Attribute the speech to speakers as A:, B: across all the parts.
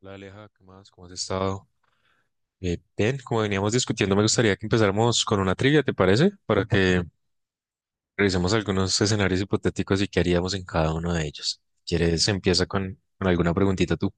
A: Hola Aleja, ¿qué más? ¿Cómo has estado? Bien, como veníamos discutiendo, me gustaría que empezáramos con una trivia, ¿te parece? Para que revisemos algunos escenarios hipotéticos y qué haríamos en cada uno de ellos. Si, ¿quieres? Empieza con alguna preguntita tú.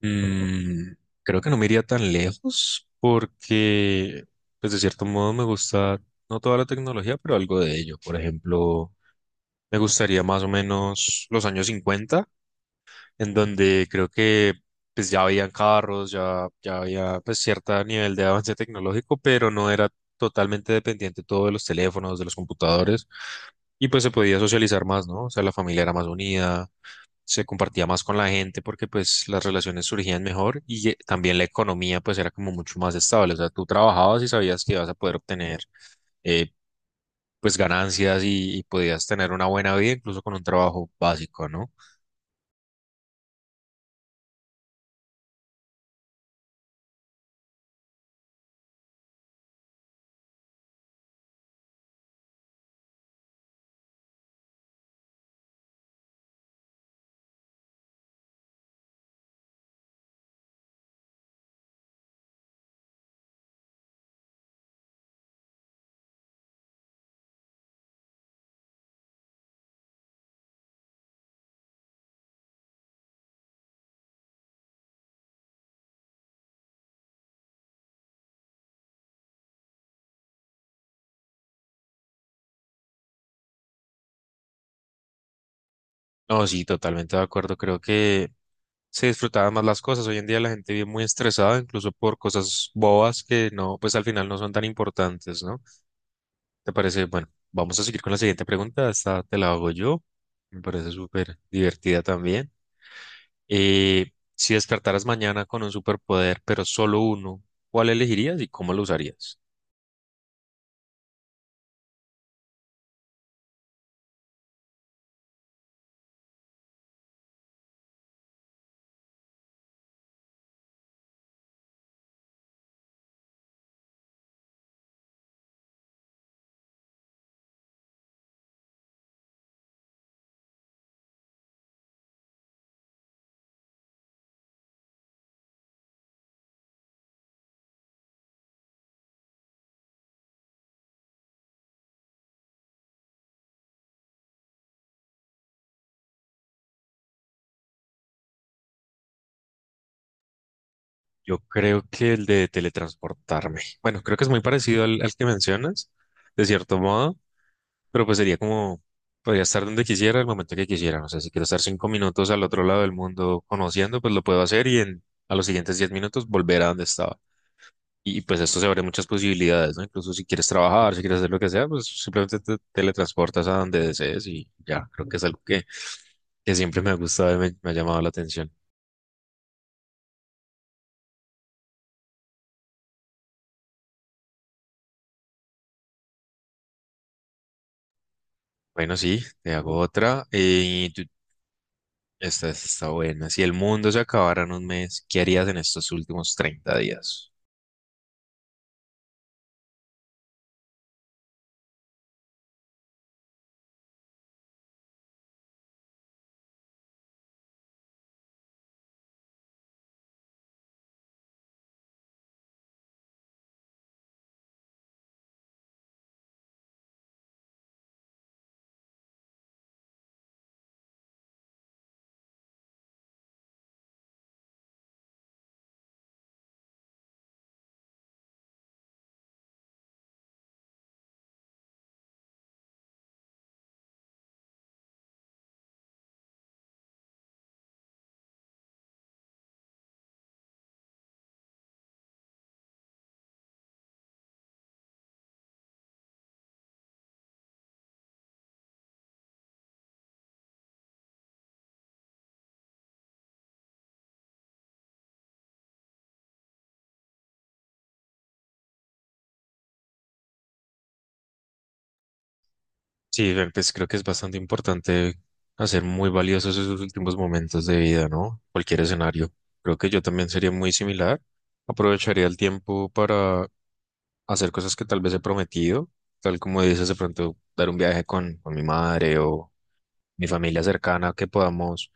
A: Mm, Creo que no me iría tan lejos porque, pues de cierto modo, me gusta no toda la tecnología, pero algo de ello. Por ejemplo, me gustaría más o menos los años 50, en donde creo que pues ya habían carros, ya, ya había pues cierto nivel de avance tecnológico, pero no era totalmente dependiente todo de los teléfonos, de los computadores, y pues se podía socializar más, ¿no? O sea, la familia era más unida, se compartía más con la gente porque pues las relaciones surgían mejor y también la economía pues era como mucho más estable, o sea, tú trabajabas y sabías que ibas a poder obtener eh, pues ganancias y podías tener una buena vida incluso con un trabajo básico, ¿no? No, sí, totalmente de acuerdo. Creo que se disfrutaban más las cosas. Hoy en día la gente vive muy estresada, incluso por cosas bobas que no, pues al final no son tan importantes, ¿no? ¿Te parece? Bueno, vamos a seguir con la siguiente pregunta. Esta te la hago yo. Me parece súper divertida también. Si despertaras mañana con un superpoder, pero solo uno, ¿cuál elegirías y cómo lo usarías? Yo creo que el de teletransportarme. Bueno, creo que es muy parecido al que mencionas, de cierto modo, pero pues sería como, podría estar donde quisiera, el momento que quisiera. O sea, si quiero estar 5 minutos al otro lado del mundo conociendo, pues lo puedo hacer y a los siguientes 10 minutos volver a donde estaba. Y pues esto se abre muchas posibilidades, ¿no? Incluso si quieres trabajar, si quieres hacer lo que sea, pues simplemente te teletransportas a donde desees y ya, creo que es algo que siempre me ha gustado y me ha llamado la atención. Bueno, sí, te hago otra. Esta está buena. Si el mundo se acabara en un mes, ¿qué harías en estos últimos 30 días? Sí, ver, pues creo que es bastante importante hacer muy valiosos esos últimos momentos de vida, ¿no? Cualquier escenario. Creo que yo también sería muy similar. Aprovecharía el tiempo para hacer cosas que tal vez he prometido, tal como dices, de pronto dar un viaje con, mi madre o mi familia cercana, que podamos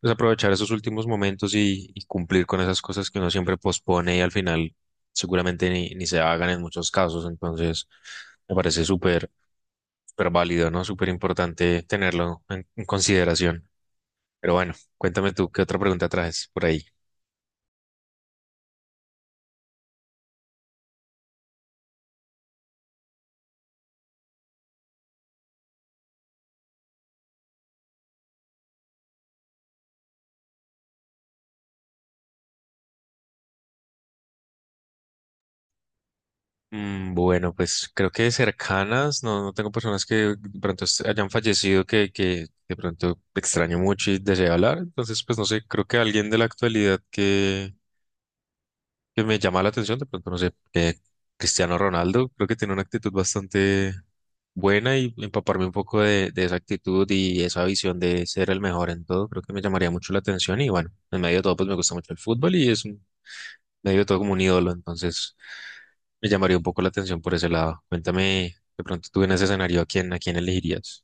A: pues, aprovechar esos últimos momentos y cumplir con esas cosas que uno siempre pospone y al final seguramente ni se hagan en muchos casos. Entonces, me parece súper, súper válido, ¿no? Súper importante tenerlo en consideración. Pero bueno, cuéntame tú, ¿qué otra pregunta traes por ahí? Bueno, pues creo que cercanas, no tengo personas que de pronto est- hayan fallecido que de pronto extraño mucho y deseo hablar, entonces pues no sé, creo que alguien de la actualidad que me llama la atención, de pronto no sé, que Cristiano Ronaldo creo que tiene una actitud bastante buena y empaparme un poco de esa actitud y esa visión de ser el mejor en todo, creo que me llamaría mucho la atención y bueno, en medio de todo pues me gusta mucho el fútbol y medio de todo como un ídolo, entonces me llamaría un poco la atención por ese lado. Cuéntame, de pronto tú en ese escenario, a quién elegirías?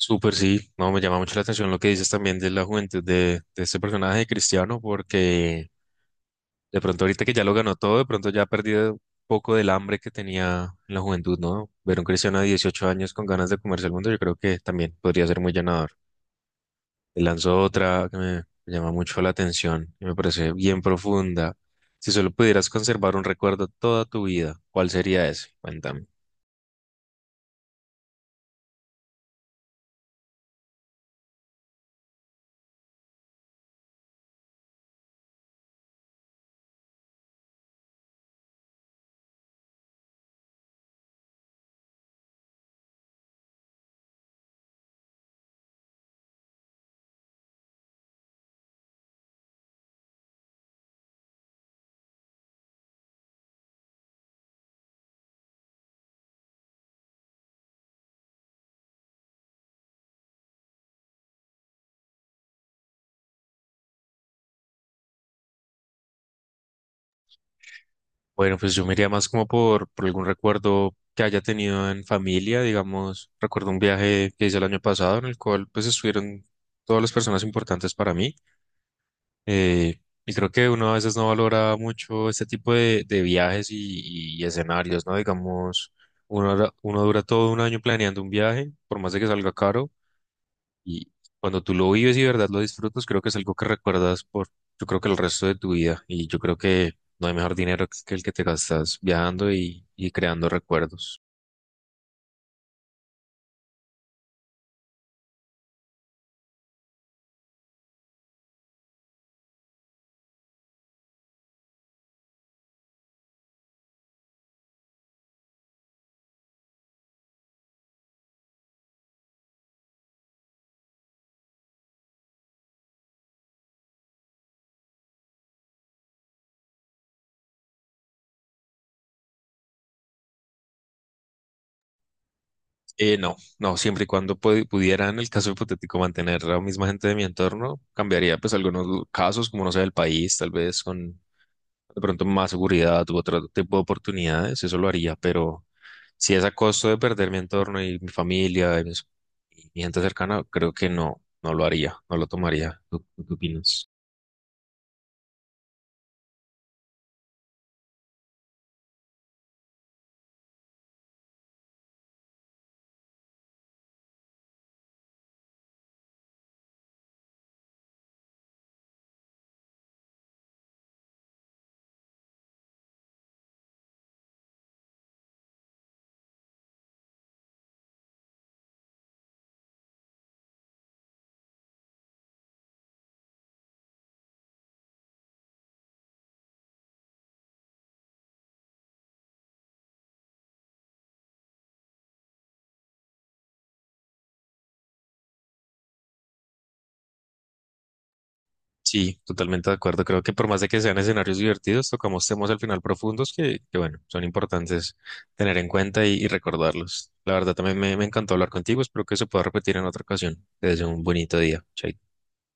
A: Súper, sí, no, me llama mucho la atención lo que dices también de la juventud de este personaje de Cristiano, porque de pronto ahorita que ya lo ganó todo, de pronto ya ha perdido un poco del hambre que tenía en la juventud, ¿no? Ver a un cristiano de 18 años con ganas de comerse el mundo, yo creo que también podría ser muy llenador. Le lanzó otra que me llama mucho la atención y me parece bien profunda. Si solo pudieras conservar un recuerdo toda tu vida, ¿cuál sería ese? Cuéntame. Bueno, pues yo me iría más como por, algún recuerdo que haya tenido en familia, digamos. Recuerdo un viaje que hice el año pasado en el cual pues estuvieron todas las personas importantes para mí. Eh, y creo que uno a veces no valora mucho este tipo de viajes y escenarios, ¿no? Digamos, uno dura todo un año planeando un viaje, por más de que salga caro, y cuando tú lo vives y de verdad lo disfrutas, creo que es algo que recuerdas por, yo creo que el resto de tu vida, y yo creo que no hay mejor dinero que el que te gastas viajando y creando recuerdos. No, no, siempre y cuando pudiera, en el caso hipotético, mantener a la misma gente de mi entorno, cambiaría pues algunos casos, como no sé, el país, tal vez con de pronto más seguridad u otro tipo de oportunidades, eso lo haría, pero si es a costo de perder mi entorno y mi familia y mis- y mi gente cercana, creo que no, no lo haría, no lo tomaría. ¿Tú qué opinas? Sí, totalmente de acuerdo. Creo que por más de que sean escenarios divertidos, tocamos temas al final profundos que, bueno, son importantes tener en cuenta y recordarlos. La verdad, también me encantó hablar contigo. Espero que se pueda repetir en otra ocasión. Te deseo un bonito día. Chaito.